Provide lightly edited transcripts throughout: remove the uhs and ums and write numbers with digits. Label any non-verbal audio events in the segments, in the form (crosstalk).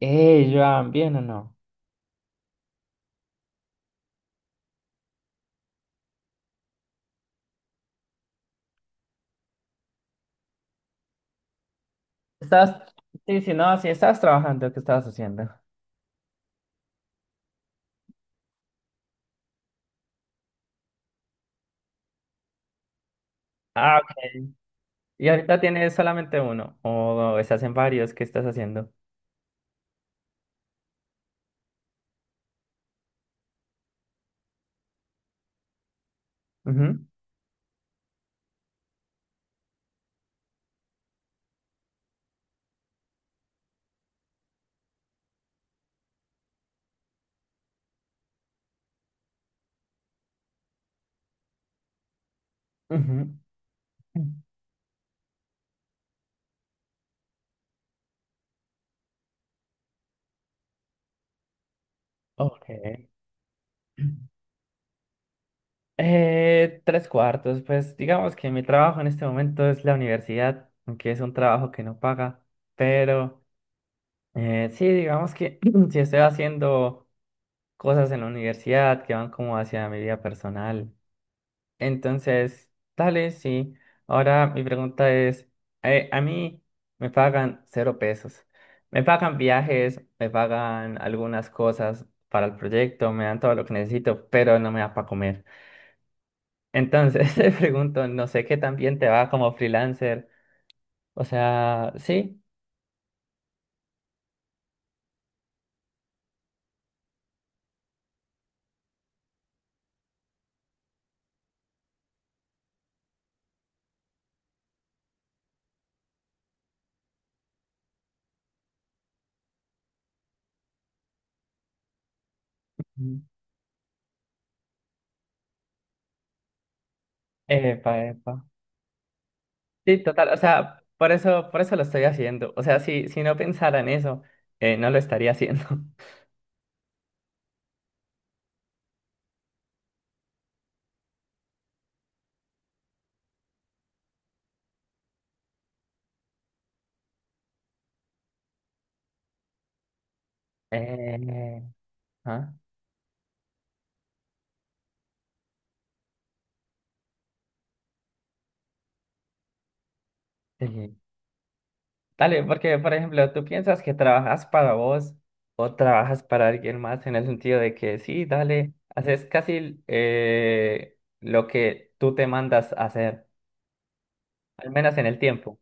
Hey, Joan, ¿bien o no? Estás, sí, sí, no, sí, estabas trabajando, ¿qué estabas haciendo? Ah, ok. ¿Y ahorita tienes solamente uno? ¿O estás en varios? ¿Qué estás haciendo? Ujú, ujú. Ok. Tres cuartos, pues digamos que mi trabajo en este momento es la universidad, aunque es un trabajo que no paga, pero sí, digamos que (clears throat) si estoy haciendo cosas en la universidad que van como hacia mi vida personal. Entonces, dale, sí. Ahora mi pregunta es, a mí me pagan cero pesos. Me pagan viajes, me pagan algunas cosas para el proyecto, me dan todo lo que necesito, pero no me da para comer. Entonces, (laughs) te pregunto, no sé qué también te va como freelancer. O sea, sí. Mm. Epa, epa. Sí, total, o sea, por eso lo estoy haciendo. O sea, si no pensara en eso, no lo estaría haciendo. (laughs) Eh, ¿ah? Sí. Dale, porque por ejemplo, tú piensas que trabajas para vos o trabajas para alguien más en el sentido de que sí, dale, haces casi lo que tú te mandas a hacer, al menos en el tiempo.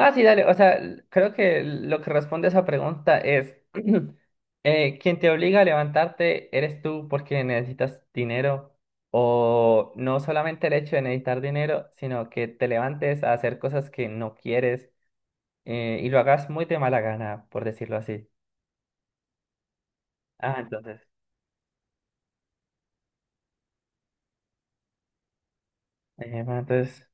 Ah, sí, dale, o sea, creo que lo que responde a esa pregunta es, (clears throat) quien te obliga a levantarte eres tú porque necesitas dinero o no solamente el hecho de necesitar dinero, sino que te levantes a hacer cosas que no quieres, y lo hagas muy de mala gana, por decirlo así. Ah, entonces, bueno, entonces,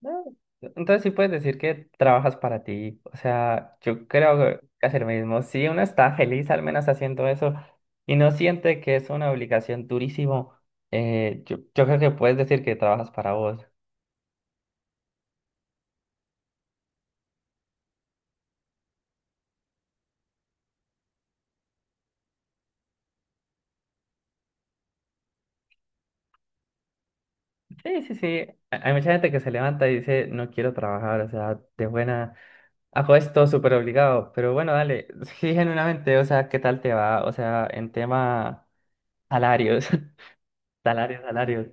no, entonces sí puedes decir que trabajas para ti. O sea, yo creo que es el mismo. Si uno está feliz al menos haciendo eso y no siente que es una obligación durísimo, yo creo que puedes decir que trabajas para vos. Sí, sí, sí. Hay mucha gente que se levanta y dice, no quiero trabajar, o sea, de buena... Hago esto súper obligado, pero bueno, dale, (laughs) sí, genuinamente, o sea, ¿qué tal te va? O sea, en tema salarios, (laughs) salarios, salarios.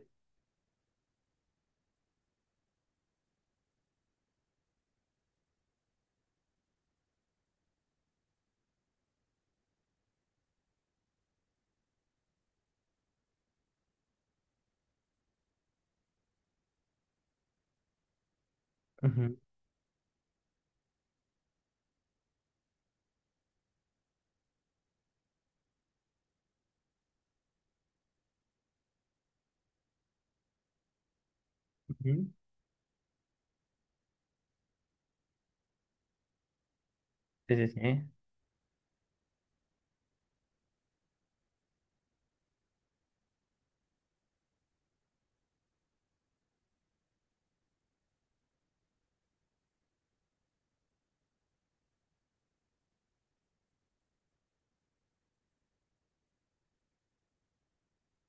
Ujú, ujú. Sí, sí, sí.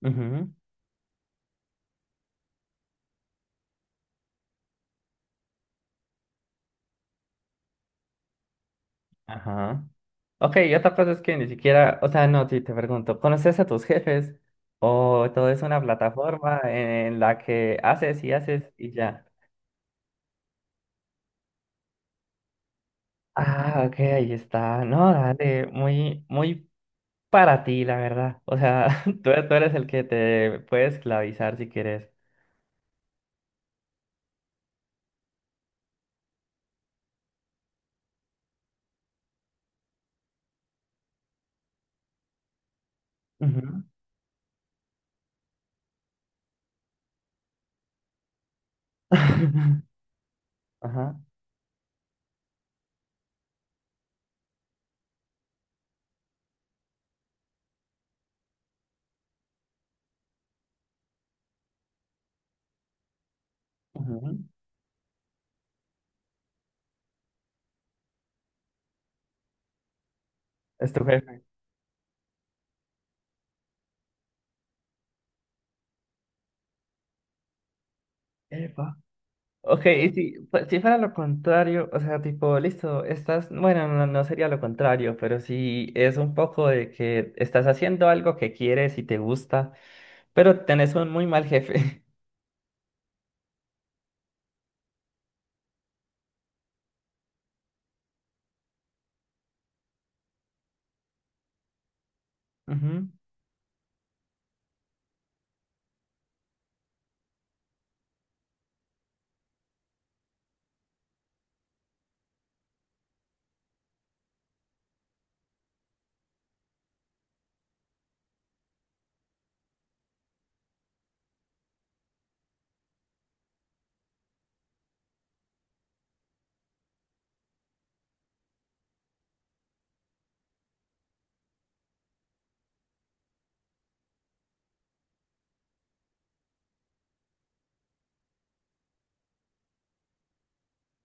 Ujú, ajá. Ok, y otra cosa es que ni siquiera, o sea, no, si te pregunto, ¿conoces a tus jefes? ¿O todo es una plataforma en la que haces y haces y ya? Ah, ok, ahí está. No, dale, muy, muy para ti, la verdad. O sea, (laughs) tú eres el que te puede esclavizar si quieres. Ujú. (laughs) Ajá. Ujú. Es tu jefe. Ok, y si, pues, si fuera lo contrario, o sea, tipo, listo, estás, bueno, no, no sería lo contrario, pero sí es un poco de que estás haciendo algo que quieres y te gusta, pero tenés un muy mal jefe. (laughs) Ujú.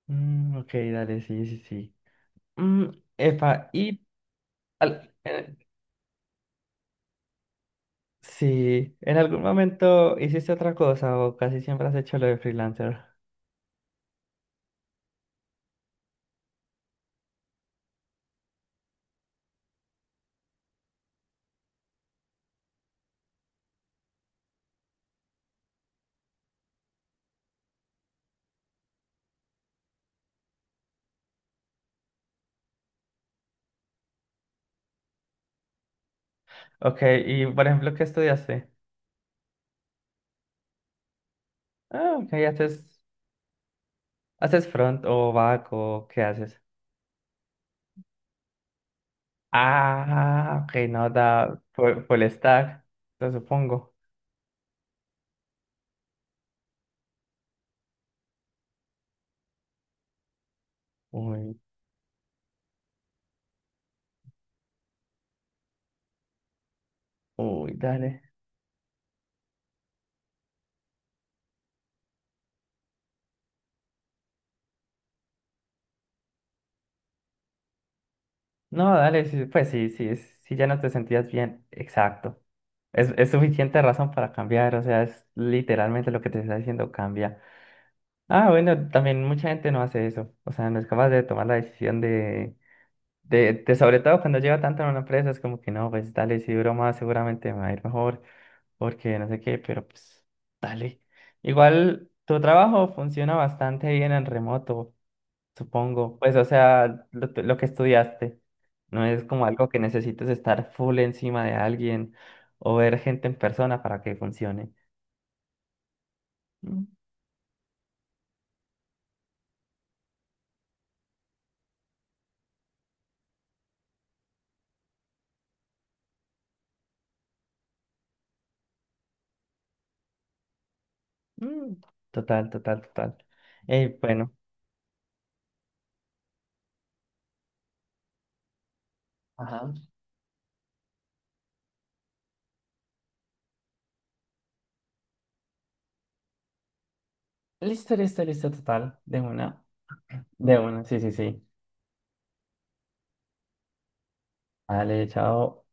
Mm, ok, dale, sí, sí, sí. Mm, epa, y al- eh, sí, ¿en algún momento hiciste otra cosa o casi siempre has hecho lo de freelancer? Ok, y por ejemplo, ¿qué estudiaste? Ah, ok, haces, haces front o back o ¿qué haces? Ah, ok, no da full, full stack, lo supongo. Uy, uy, dale. No, dale, sí, pues sí, sí, sí, ya no te sentías bien. Exacto. Es suficiente razón para cambiar, o sea, es literalmente lo que te está diciendo, cambia. Ah, bueno, también mucha gente no hace eso, o sea, no es capaz de tomar la decisión de sobre todo cuando lleva tanto en una empresa, es como que no, pues dale, si duro más, seguramente me va a ir mejor, porque no sé qué, pero pues dale. Igual tu trabajo funciona bastante bien en remoto, supongo. Pues o sea, lo que estudiaste no es como algo que necesites estar full encima de alguien o ver gente en persona para que funcione. Mm, mm, total, total, total. Bueno. Ajá. Listo, listo, listo, total. De una. De una, sí, sí, sí. Dale, chao.